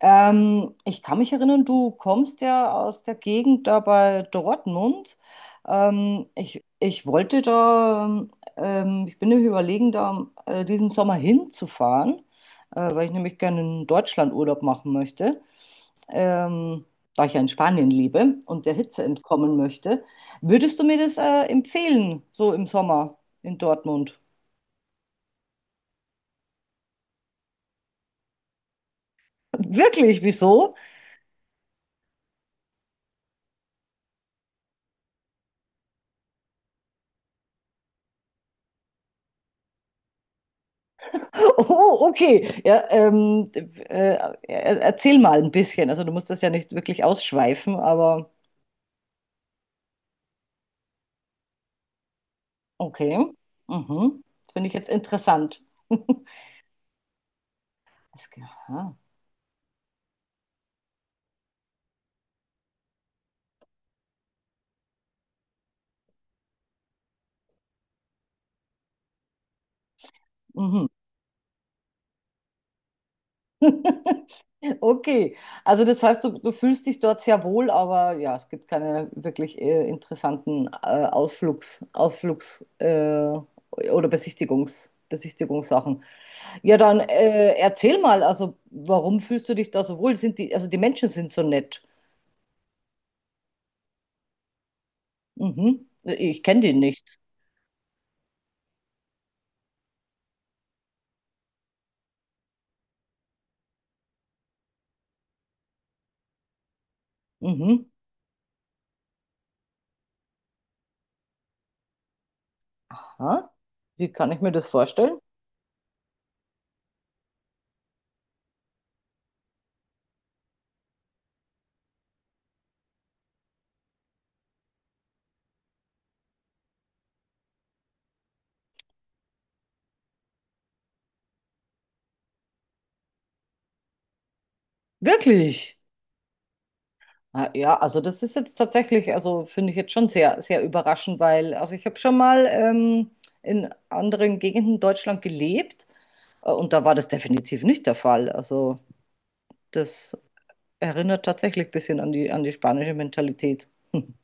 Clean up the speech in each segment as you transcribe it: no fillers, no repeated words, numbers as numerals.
Ich kann mich erinnern, du kommst ja aus der Gegend da bei Dortmund. Ich wollte da, ich bin nämlich überlegen, da diesen Sommer hinzufahren, weil ich nämlich gerne in Deutschland Urlaub machen möchte, ähm, da ich ja in Spanien lebe und der Hitze entkommen möchte. Würdest du mir das empfehlen, so im Sommer in Dortmund? Wirklich, wieso? Oh, okay. Ja, erzähl mal ein bisschen. Also du musst das ja nicht wirklich ausschweifen, aber okay. Mhm. Finde ich jetzt interessant. Das, aha. Mhm. Okay, also das heißt, du fühlst dich dort sehr wohl, aber ja, es gibt keine wirklich interessanten Ausflugs oder Besichtigungssachen. Ja, dann erzähl mal, also warum fühlst du dich da so wohl? Sind die, also die Menschen sind so nett. Mhm. Ich kenne die nicht. Mhm. Aha. Wie kann ich mir das vorstellen? Wirklich? Ah, ja, also das ist jetzt tatsächlich, also finde ich jetzt schon sehr, sehr überraschend, weil, also ich habe schon mal in anderen Gegenden Deutschland gelebt und da war das definitiv nicht der Fall. Also das erinnert tatsächlich ein bisschen an die spanische Mentalität. Hm.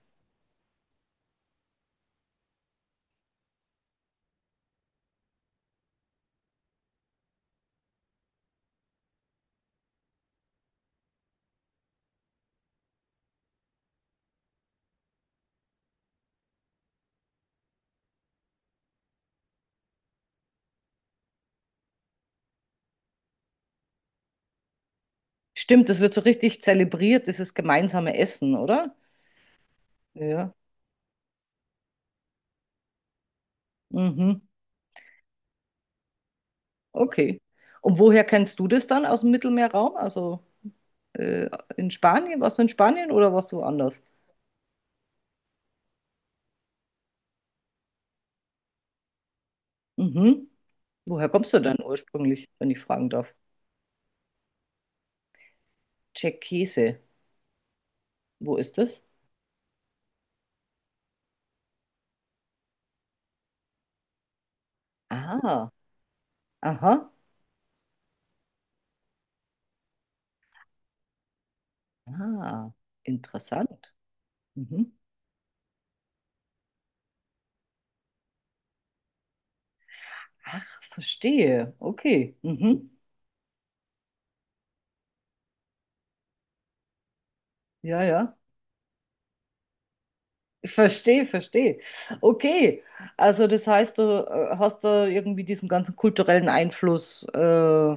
Stimmt, das wird so richtig zelebriert, dieses gemeinsame Essen, oder? Ja. Mhm. Okay. Und woher kennst du das dann aus dem Mittelmeerraum? Also äh, in Spanien? Warst du in Spanien oder warst du woanders? Mhm. Woher kommst du denn ursprünglich, wenn ich fragen darf? Tscherkesse. Wo ist das? Ah, aha, ah, interessant. Mhm. Ach, verstehe. Okay. Mhm. Ja, ja. Ich verstehe, verstehe. Okay. Also das heißt, du hast da irgendwie diesen ganzen kulturellen Einfluss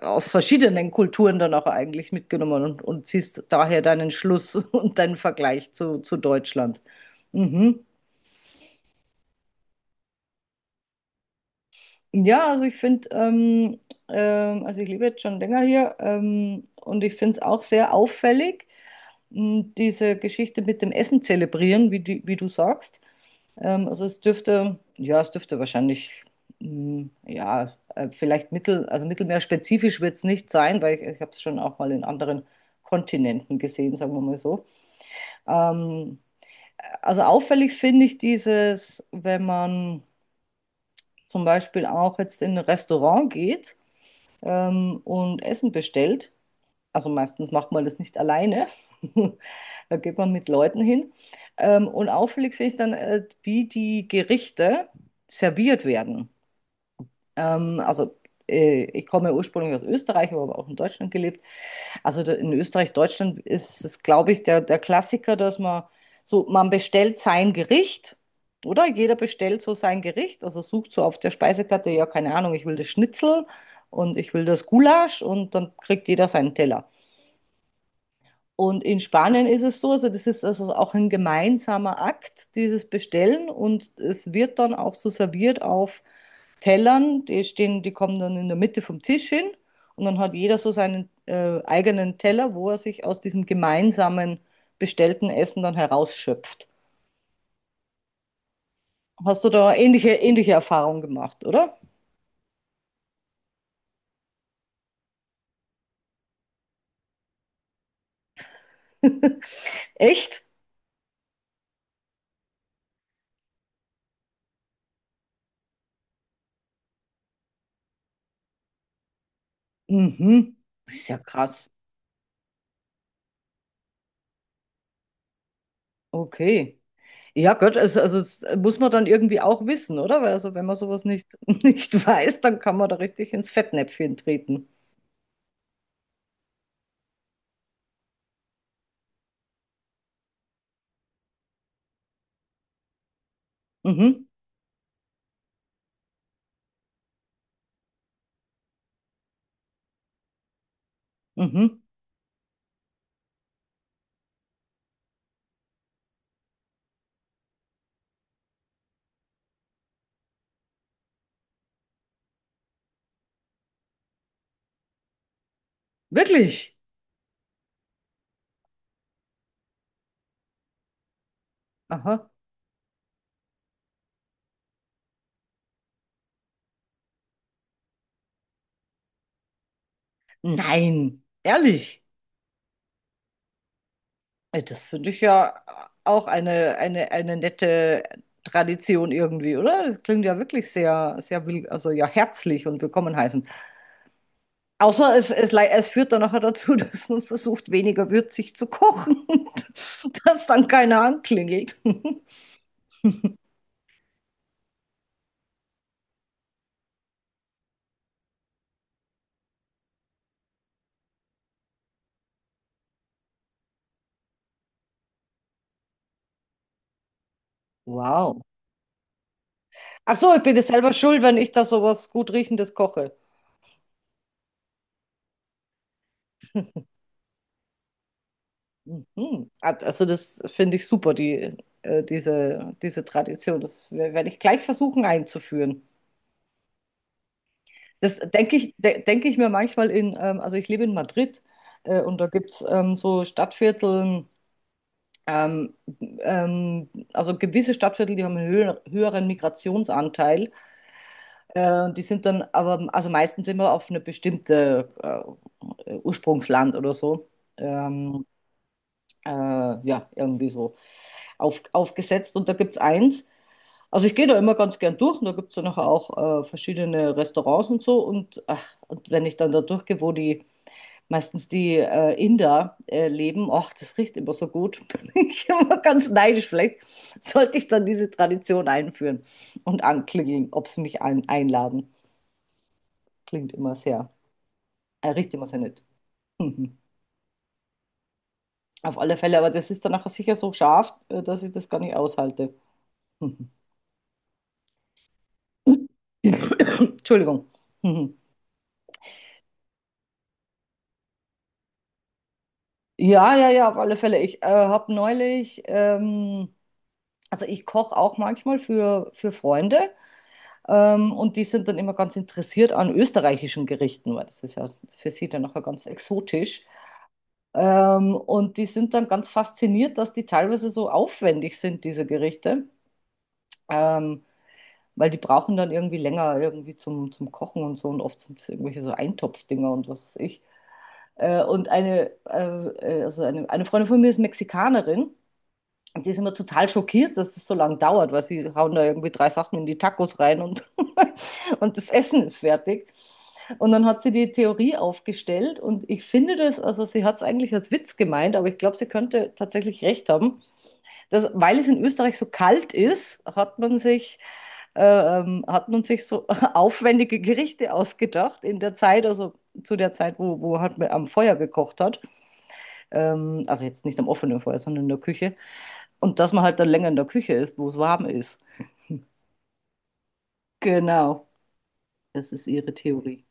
aus verschiedenen Kulturen dann auch eigentlich mitgenommen und ziehst daher deinen Schluss und deinen Vergleich zu Deutschland. Mhm. Ja, also ich finde, also ich lebe jetzt schon länger hier und ich finde es auch sehr auffällig, diese Geschichte mit dem Essen zelebrieren, wie, die, wie du sagst. Also es dürfte, ja, es dürfte wahrscheinlich, ja, also mittelmeerspezifisch wird es nicht sein, weil ich habe es schon auch mal in anderen Kontinenten gesehen, sagen wir mal so. Ähm, also auffällig finde ich dieses, wenn man zum Beispiel auch jetzt in ein Restaurant geht und Essen bestellt. Also meistens macht man das nicht alleine. Da geht man mit Leuten hin. Und auffällig finde ich dann, wie die Gerichte serviert werden. Also ich komme ursprünglich aus Österreich, habe aber auch in Deutschland gelebt. Also in Österreich, Deutschland ist es, glaube ich, der, der Klassiker, dass man so, man bestellt sein Gericht, oder? Jeder bestellt so sein Gericht, also sucht so auf der Speisekarte, ja, keine Ahnung, ich will das Schnitzel und ich will das Gulasch und dann kriegt jeder seinen Teller. Und in Spanien ist es so, also das ist also auch ein gemeinsamer Akt, dieses Bestellen. Und es wird dann auch so serviert auf Tellern. Die stehen, die kommen dann in der Mitte vom Tisch hin. Und dann hat jeder so seinen eigenen Teller, wo er sich aus diesem gemeinsamen bestellten Essen dann herausschöpft. Hast du da ähnliche, ähnliche Erfahrungen gemacht, oder? Echt? Mhm. Das ist ja krass. Okay. Ja, Gott, also das muss man dann irgendwie auch wissen, oder? Weil also wenn man sowas nicht, nicht weiß, dann kann man da richtig ins Fettnäpfchen treten. Mhm, mhm. Wirklich? Aha. Nein, ehrlich. Ey, das finde ich ja auch eine nette Tradition irgendwie, oder? Das klingt ja wirklich sehr, sehr, also ja, herzlich und willkommen heißen. Außer es führt dann nachher dazu, dass man versucht, weniger würzig zu kochen, dass dann keiner anklingelt. Wow. Ach so, ich bin ja selber schuld, wenn ich da sowas gut Riechendes koche. Mhm. Also das finde ich super, die, diese, diese Tradition. Das werde ich gleich versuchen einzuführen. Das denke ich, de denke ich mir manchmal in, also ich lebe in Madrid und da gibt es so Stadtviertel, ähm, also gewisse Stadtviertel, die haben einen höheren Migrationsanteil. Die sind dann aber, also meistens immer auf eine bestimmte Ursprungsland oder so. Ähm, ja, irgendwie so aufgesetzt. Und da gibt es eins. Also ich gehe da immer ganz gern durch und da gibt es dann nachher auch verschiedene Restaurants und so. Und, ach, und wenn ich dann da durchgehe, wo die meistens die Inder leben, ach, das riecht immer so gut. Bin ich immer ganz neidisch. Vielleicht sollte ich dann diese Tradition einführen und anklingeln, ob sie mich einladen. Klingt immer sehr, riecht immer sehr nett. Mhm. Auf alle Fälle, aber das ist dann nachher sicher so scharf, dass ich das gar nicht aushalte. Mhm. Entschuldigung. Mhm. Ja, ja, ja, auf alle Fälle. Ich habe neulich, also ich koche auch manchmal für Freunde und die sind dann immer ganz interessiert an österreichischen Gerichten, weil das ist ja für sie dann nachher ganz exotisch. Und die sind dann ganz fasziniert, dass die teilweise so aufwendig sind, diese Gerichte, ähm, weil die brauchen dann irgendwie länger irgendwie zum, zum Kochen und so und oft sind es irgendwelche so Eintopfdinger und was weiß ich. Äh, und eine, äh, also eine Freundin von mir ist Mexikanerin. Und die ist immer total schockiert, dass es so lange dauert, weil sie hauen da irgendwie drei Sachen in die Tacos rein und, und das Essen ist fertig. Und dann hat sie die Theorie aufgestellt und ich finde das, also sie hat es eigentlich als Witz gemeint, aber ich glaube, sie könnte tatsächlich recht haben, dass, weil es in Österreich so kalt ist, hat man sich so aufwendige Gerichte ausgedacht in der Zeit, also zu der Zeit, wo, wo halt man am Feuer gekocht hat. Also jetzt nicht am offenen Feuer, sondern in der Küche. Und dass man halt dann länger in der Küche ist, wo es warm ist. Genau, das ist ihre Theorie.